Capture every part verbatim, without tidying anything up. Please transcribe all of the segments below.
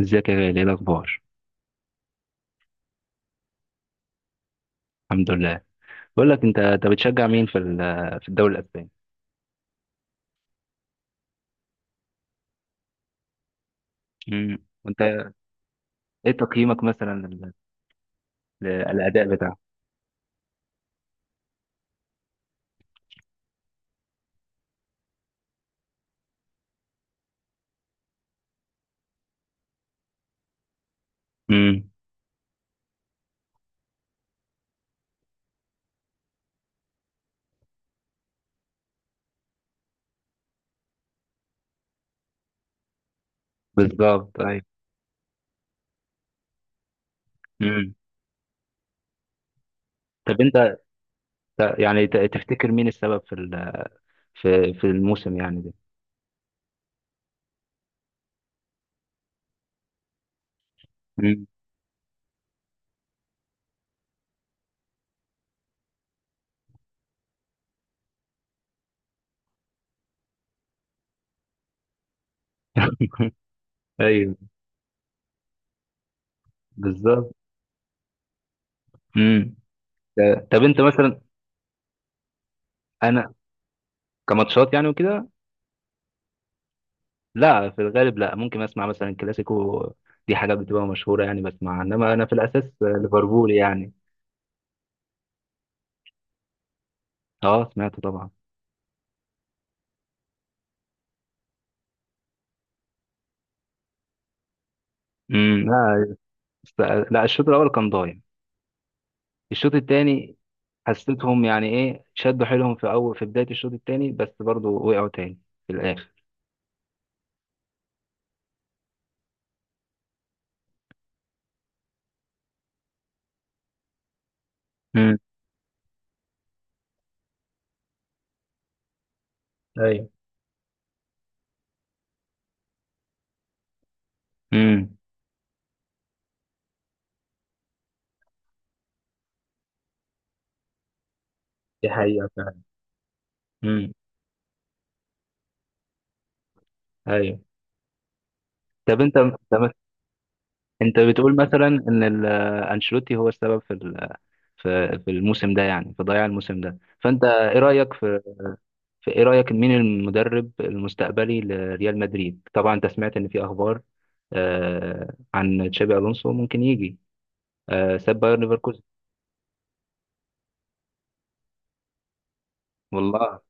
ازيك يا غالي؟ ايه الاخبار؟ الحمد لله. بقول لك، انت انت بتشجع مين في ال- في الدوري الاسباني؟ امم. وانت؟ ايه تقييمك مثلا لل- للاداء بتاعه؟ امم. بالظبط، ايوه. امم. طب انت، ت- يعني ت- تفتكر مين السبب في ال- في في الموسم يعني ده؟ امم. ايوه، بالظبط. امم. ت- طب انت مثلا. انا كماتشات يعني وكده. لا، في الغالب لا، ممكن اسمع مثلا كلاسيكو. دي حاجه بتبقى مشهوره يعني بسمعها، انما انا في الاساس ليفربول يعني. اه، سمعته طبعا. امم، لا. است- لا، الشوط الاول كان ضايع. الشوط الثاني حسيتهم يعني ايه، شدوا حيلهم في اول في بدايه الشوط الثاني، بس برضو وقعوا تاني في الاخر. امم. ايوه. امم. دي حقيقة فعلا. امم. ايوه. طب انت، طب انت بتقول مثلا ان ال- انشيلوتي هو السبب في ال- في في الموسم ده يعني، في ضياع الموسم ده، فانت ايه رايك في, في ايه رايك مين المدرب المستقبلي لريال مدريد؟ طبعا انت سمعت ان في اخبار آه عن تشابي الونسو ممكن يجي، آه ساب بايرن ليفركوزن. والله.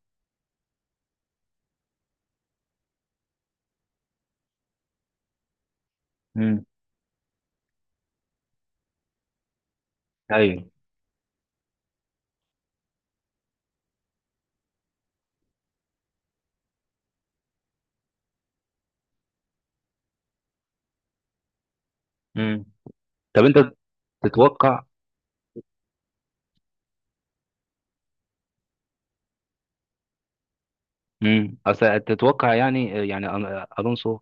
امم. ايوه. امم. طب انت تتوقع؟ امم، اصل تتوقع يعني يعني أن- الونسو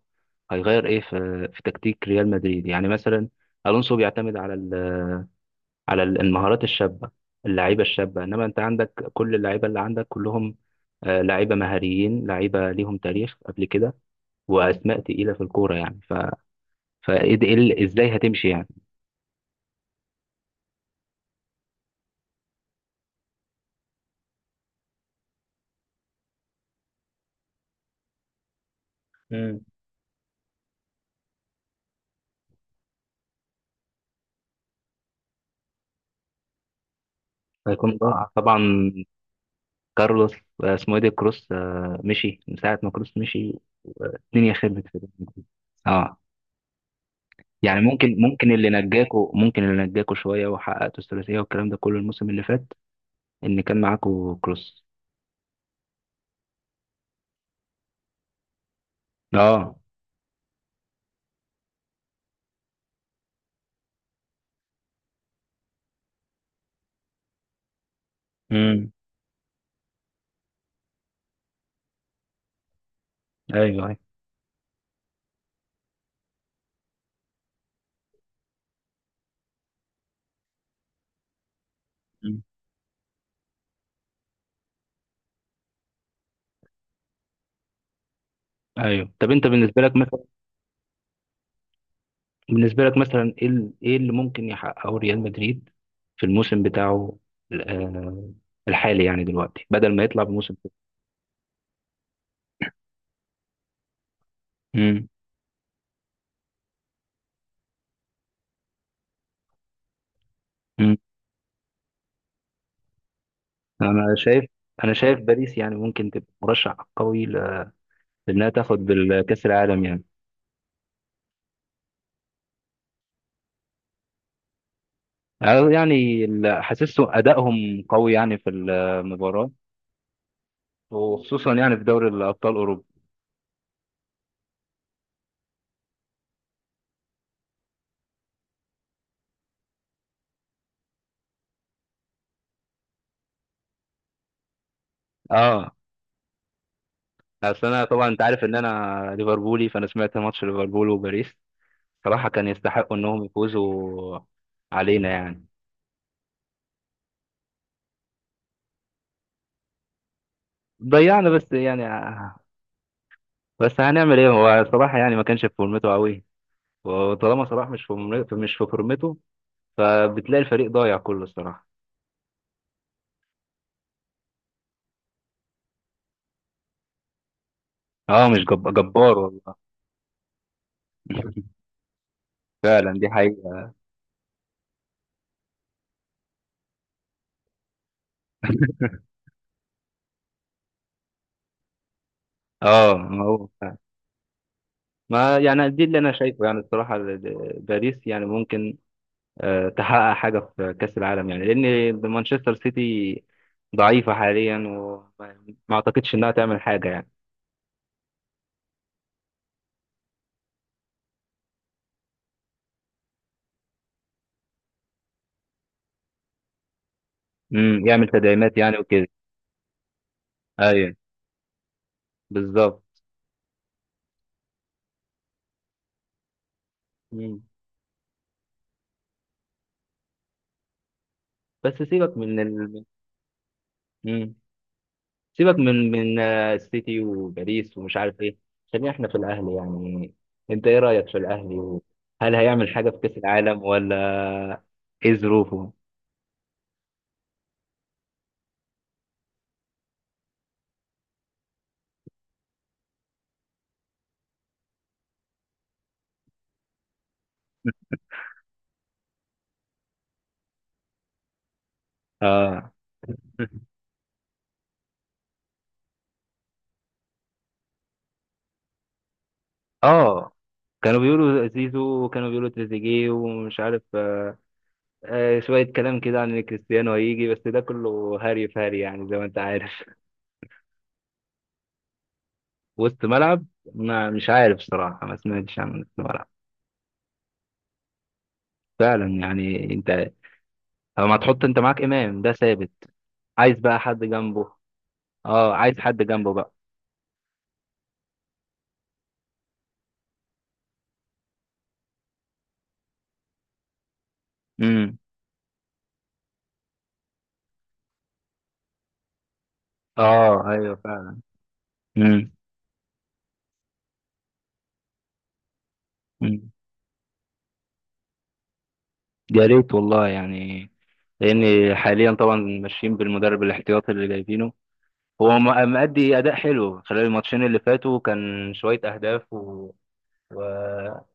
هيغير ايه في في تكتيك ريال مدريد يعني مثلا. الونسو بيعتمد على ال- على ال- المهارات الشابه، اللعيبه الشابه، انما انت عندك كل اللعيبه، اللي عندك كلهم آه، لعيبه مهاريين، لعيبه ليهم تاريخ قبل كده، واسماء تقيله في الكوره يعني، ف فإيه ده- إيه ال- ازاي هتمشي يعني؟ امم. هيكون ضاع طبعا. كارلوس، آه، اسمه ايه ده، كروس. آه، مشي من ساعة ما كروس مشي الدنيا خربت في الريال. اه، يعني ممكن ممكن اللي نجاكوا ممكن اللي نجاكوا شوية وحققتوا الثلاثية والكلام ده كله الموسم اللي فات، ان كان معاكوا كروس. اه. امم. ايوه، ايوه. مم. ايوه. طب انت بالنسبة لك مثلا، بالنسبة لك مثلا ايه ال- ايه اللي ممكن يحققه ريال مدريد في الموسم بتاعه ال- آه، الحالي يعني دلوقتي، بدل ما يطلع بموسم تاني؟ انا شايف انا شايف باريس يعني ممكن تبقى مرشح قوي ل- لانها تاخد الكاس العالم يعني. أنا يعني ال- حاسسه ادائهم قوي يعني في المباراه، وخصوصا يعني في دوري الابطال اوروبا. اه، اصل انا طبعا انت عارف ان انا ليفربولي، فانا سمعت ماتش ليفربول وباريس، صراحه كان يستحقوا انهم يفوزوا علينا يعني. ضيعنا بس يعني، آه، بس هنعمل ايه، هو صراحه يعني ما كانش في فورمته قوي. وطالما صلاح مش في مش في فورمته، فبتلاقي الفريق ضايع كله الصراحة. اه، مش جب... جبار والله. فعلا دي حقيقة. اه، ما هو فعلا. ما يعني دي اللي انا شايفه يعني الصراحة، ال- ال- باريس يعني ممكن آه، تحقق حاجة في كأس العالم، يعني لأن مانشستر سيتي ضعيفة حاليا، وما ما اعتقدش انها تعمل حاجة يعني. امم. يعمل تدعيمات يعني وكده. ايوه، بالظبط. مم. بس سيبك من ال... مم. سيبك من من آه، السيتي وباريس ومش عارف ايه، خلينا احنا في الاهلي يعني. انت ايه رايك في الاهلي، وهل هيعمل حاجه في كاس العالم، ولا ايه ظروفه؟ اه. اه، كانوا بيقولوا زيزو، وكانوا بيقولوا تريزيجيه ومش عارف، آه شويه كلام كده عن ان كريستيانو هيجي، بس ده كله هري في هري يعني، زي ما انت عارف. وسط ملعب. ما مش عارف صراحه، ما سمعتش عن وسط ملعب. فعلا يعني، انت لما تحط، انت معاك امام ده ثابت، عايز بقى حد جنبه. اه، عايز حد جنبه بقى. امم. اه، ايوه فعلا. امم. أمم. يا ريت والله يعني، لان حاليا طبعا ماشيين بالمدرب الاحتياطي اللي جايبينه. هو م- مأدي اداء حلو خلال الماتشين اللي فاتوا، كان شويه اهداف و... و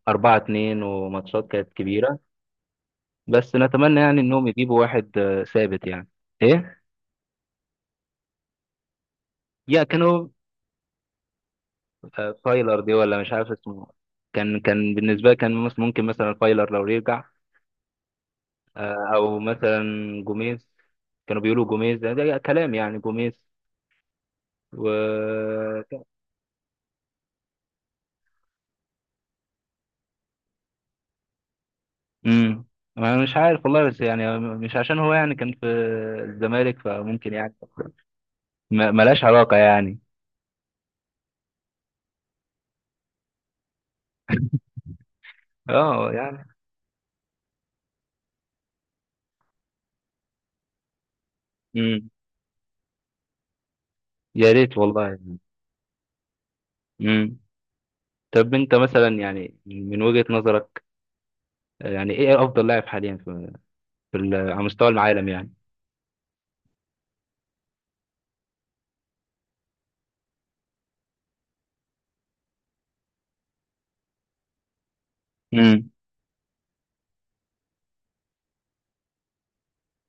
اربعة اتنين، وماتشات كانت كبيره. بس نتمنى يعني انهم يجيبوا واحد آه، ثابت يعني. ايه؟ يا كانوا آه، فايلر دي، ولا مش عارف اسمه. كان كان بالنسبه لي، كان مس- ممكن مثلا فايلر لو يرجع، آه، او مثلا جوميز. كانوا بيقولوا جوميز ده, ده كلام يعني، جوميز و امم. انا مش عارف والله، بس يعني مش عشان هو يعني كان في الزمالك فممكن يعني، ما- ملهاش علاقة يعني. اه يعني. امم. يا ريت والله. امم. طب انت مثلا يعني من وجهة نظرك، يعني ايه افضل لاعب حاليا في, في ال- على مستوى العالم يعني؟ امم.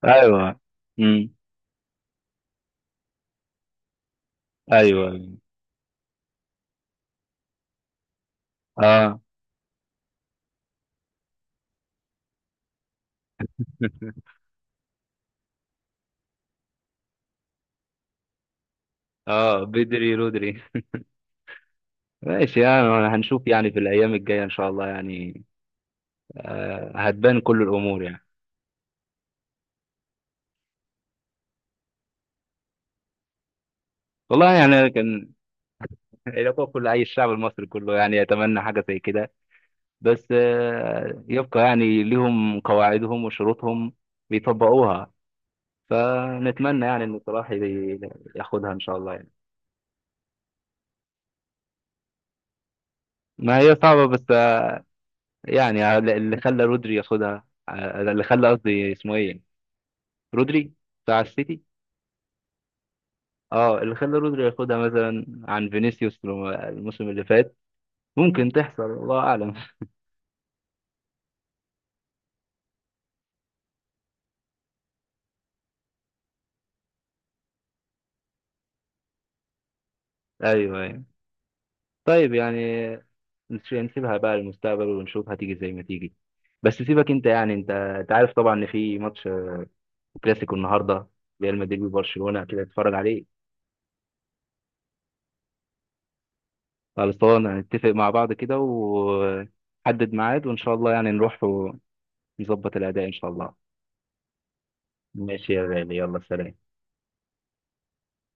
ايوه. امم. ايوه. اه. اه، بدري رودري. ماشي يعني، هنشوف يعني في الأيام الجاية إن شاء الله يعني، آه، هتبان كل الأمور يعني. والله يعني، كان يبقى كل أي الشعب المصري كله يعني يتمنى حاجة زي كده، بس آه، يبقى يعني ليهم قواعدهم وشروطهم بيطبقوها، فنتمنى يعني إن صلاح ي- ياخدها إن شاء الله يعني. ما هي صعبة، بس آه، يعني اللي خلى رودري ياخدها، آه، اللي خلى قصدي اسمه إيه، رودري بتاع السيتي. اه، اللي خلى رودري ياخدها مثلا عن فينيسيوس الموسم اللي فات، ممكن تحصل الله أعلم. أيوه أيوه. طيب يعني، نس- نسيبها بقى للمستقبل ونشوف هتيجي زي ما تيجي. بس سيبك أنت يعني، أنت أنت عارف طبعا إن في ماتش آه، كلاسيكو النهاردة، ريال مدريد وبرشلونة، كده اتفرج عليه. خلصان، هنتفق مع بعض كده وحدد ميعاد، وإن شاء الله يعني نروح ونظبط الأداء إن شاء الله. ماشي يا غالي، يلا سلام.